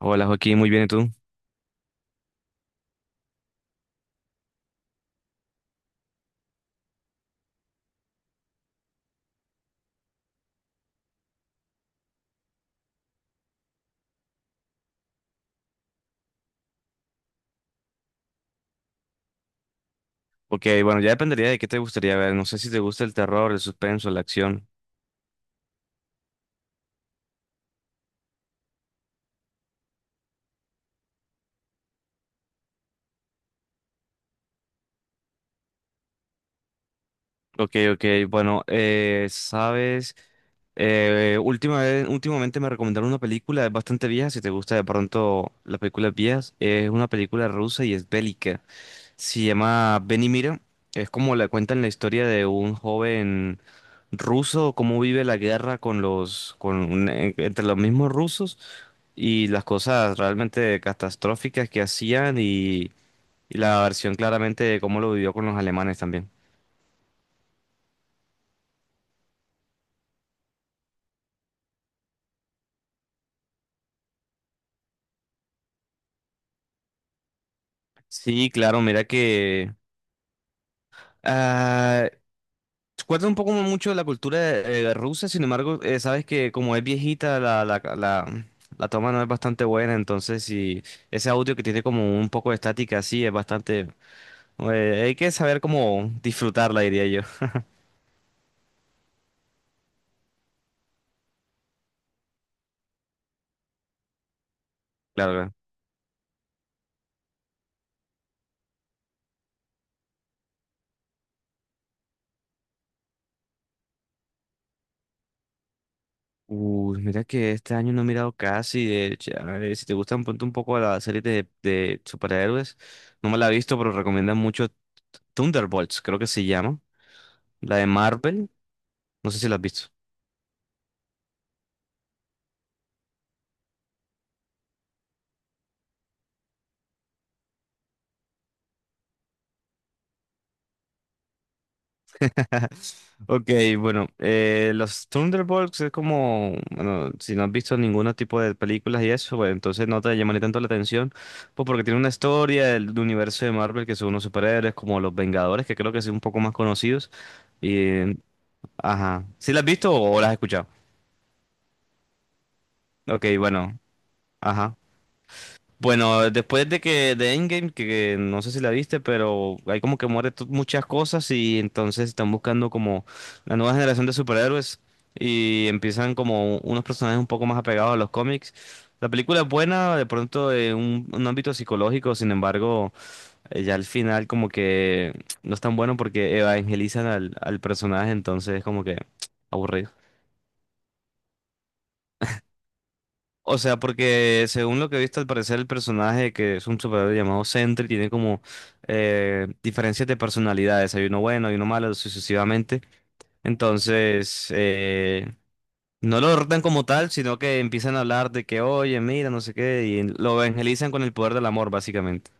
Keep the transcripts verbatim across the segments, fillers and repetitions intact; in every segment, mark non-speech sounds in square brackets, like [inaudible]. Hola Joaquín, muy bien, ¿y tú? Ok, bueno, ya dependería de qué te gustaría ver. No sé si te gusta el terror, el suspenso, la acción. Ok, ok, bueno, eh, sabes, eh, última vez- últimamente me recomendaron una película, es bastante vieja, si te gusta de pronto las películas viejas, es una película rusa y es bélica. Se llama Ven y mira. Es como le cuentan la historia de un joven ruso, cómo vive la guerra con los, con un- en- entre los mismos rusos, y las cosas realmente catastróficas que hacían, y, y la versión claramente de cómo lo vivió con los alemanes también. Sí, claro, mira que... ah, cuenta un poco mucho de la cultura eh, rusa. Sin embargo, eh, sabes que como es viejita, la, la, la, la toma no es bastante buena, entonces si ese audio que tiene como un poco de estática así es bastante... eh, Hay que saber cómo disfrutarla, diría yo. [laughs] Claro, claro. Uy, mira que este año no he mirado casi. De hecho, a ver, si te gustan, ponte un poco a la serie de, de superhéroes. No me la he visto, pero recomiendan mucho Thunderbolts, creo que se llama. La de Marvel. No sé si la has visto. [laughs] Ok, bueno, eh, los Thunderbolts es como, bueno, si no has visto ningún tipo de películas y eso, bueno, entonces no te llamaría tanto la atención, pues porque tiene una historia del universo de Marvel que son unos superhéroes como los Vengadores, que creo que son un poco más conocidos. Y ajá, ¿sí las has visto o las has escuchado? Ok, bueno. Ajá. Bueno, después de que de Endgame, que, que no sé si la viste, pero hay como que muere to- muchas cosas y entonces están buscando como la nueva generación de superhéroes y empiezan como unos personajes un poco más apegados a los cómics. La película es buena, de pronto en un, un ámbito psicológico. Sin embargo, eh, ya al final como que no es tan bueno porque evangelizan al, al personaje, entonces es como que [tsk] aburrido. O sea, porque según lo que he visto, al parecer el personaje que es un superhéroe llamado Sentry tiene como eh, diferencias de personalidades. Hay uno bueno, hay uno malo, sucesivamente. Entonces, eh, no lo derrotan como tal, sino que empiezan a hablar de que, oye, mira, no sé qué, y lo evangelizan con el poder del amor, básicamente.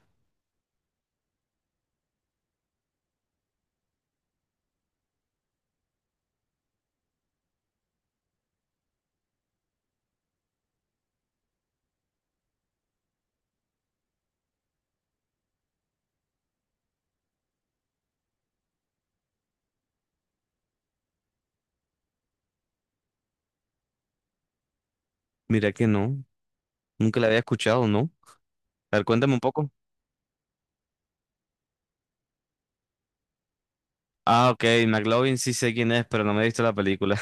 Mira que no, nunca la había escuchado, ¿no? A ver, cuéntame un poco. Ah, ok, McLovin sí sé quién es, pero no me he visto la película.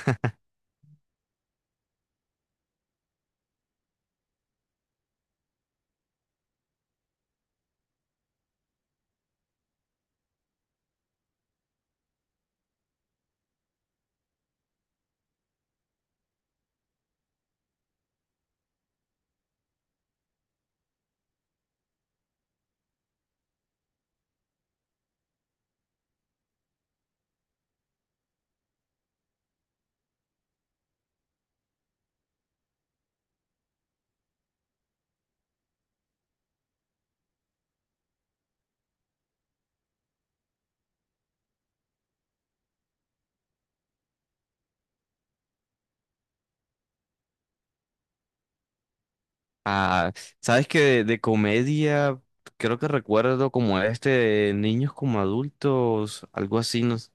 Ah, sabes que de, de comedia creo que recuerdo como este de niños como adultos, algo así, no, s-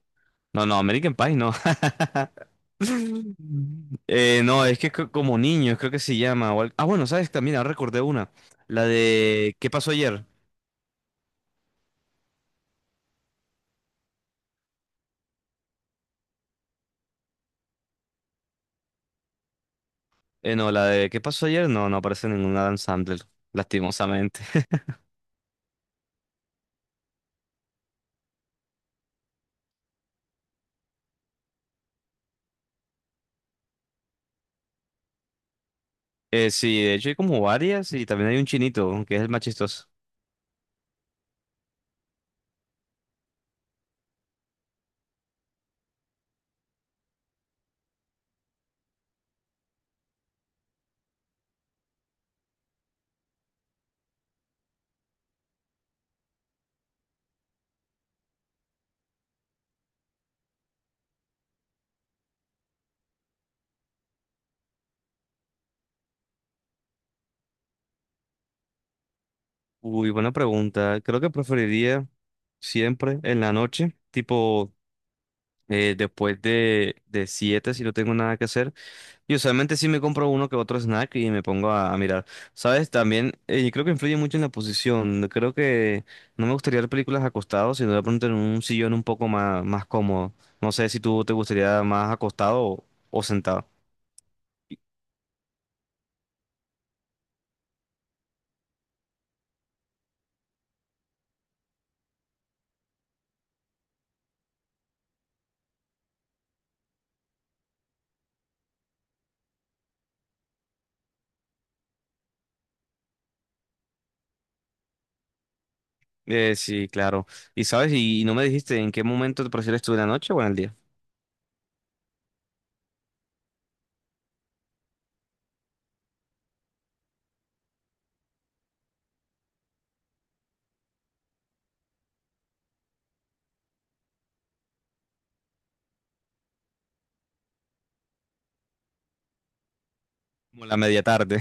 no, no, American Pie no. [laughs] Eh, no, es que co- como niños creo que se llama. o al- Ah, bueno, sabes también, ahora recordé una. La de ¿qué pasó ayer? Eh, no, la de ¿qué pasó ayer? No, no aparece ninguna Adam Sandler, lastimosamente. [laughs] Eh, sí, de hecho hay como varias y también hay un chinito, que es el más chistoso. Uy, buena pregunta. Creo que preferiría siempre en la noche, tipo eh, después de, de siete si no tengo nada que hacer. Y usualmente sí me compro uno que otro snack y me pongo a, a mirar. ¿Sabes? También eh, creo que influye mucho en la posición. Creo que no me gustaría ver películas acostado, sino de pronto en un sillón un poco más, más cómodo. No sé si tú te gustaría más acostado o, o sentado. Eh, sí, claro. ¿Y sabes? Y, no me dijiste en qué momento te prefieres tú, en la noche o en el día. Como la media tarde.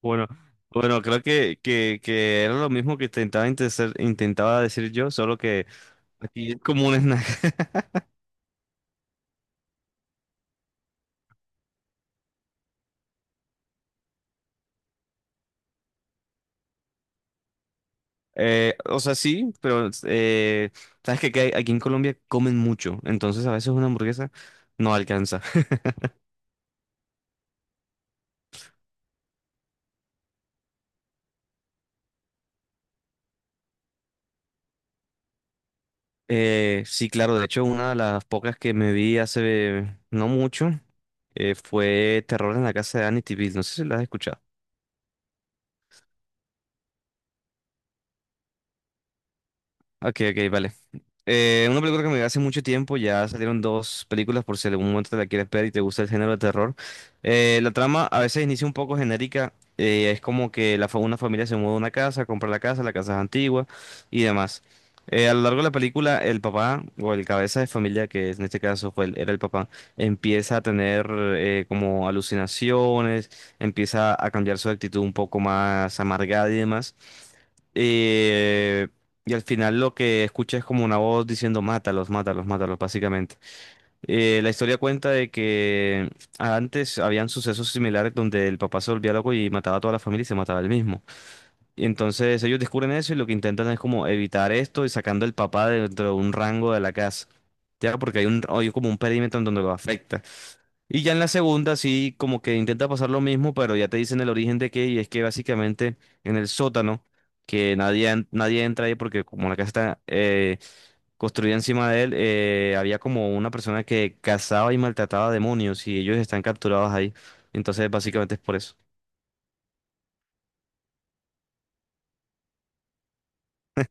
Bueno, bueno, creo que, que, que era lo mismo que intentaba, inteser- intentaba decir yo, solo que aquí es como un snack. [laughs] Eh, o sea, sí, pero eh, sabes que aquí, hay- aquí en Colombia comen mucho, entonces a veces una hamburguesa no alcanza. [laughs] Eh, sí, claro, de hecho, una de las pocas que me vi hace no mucho eh, fue Terror en la casa de Amityville. No sé si la has escuchado. Ok, ok, vale. Eh, una película que me vi hace mucho tiempo, ya salieron dos películas por si en algún momento te la quieres ver y te gusta el género de terror. Eh, la trama a veces inicia un poco genérica. Eh, es como que la, fa- una familia se muda a una casa, compra la casa, la casa es antigua y demás. Eh, a lo largo de la película, el papá o el cabeza de familia, que en este caso fue el- era el papá, empieza a tener eh, como alucinaciones, empieza a cambiar su actitud un poco más amargada y demás. Eh, y al final lo que escucha es como una voz diciendo mátalos, mátalos, mátalos, básicamente. Eh, la historia cuenta de que antes habían sucesos similares donde el papá se volvía loco y mataba a toda la familia y se mataba él mismo. Y entonces ellos descubren eso y lo que intentan es como evitar esto y sacando al papá dentro de un rango de la casa. Ya, porque hay un, hay como un perímetro en donde lo afecta. Y ya en la segunda sí, como que intenta pasar lo mismo, pero ya te dicen el origen de qué, y es que básicamente en el sótano, que nadie, en- nadie entra ahí porque como la casa está eh, construida encima de él, eh, había como una persona que cazaba y maltrataba demonios y ellos están capturados ahí. Entonces básicamente es por eso.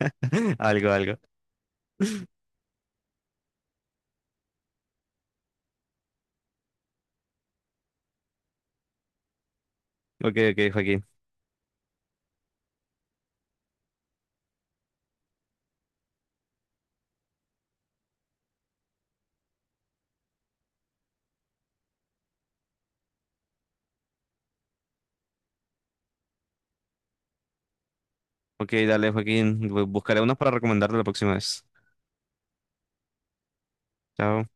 [laughs] Algo, algo. Ok, ok, Joaquín. Ok, dale, Joaquín. Bu- Buscaré unos para recomendarte la próxima vez. Chao.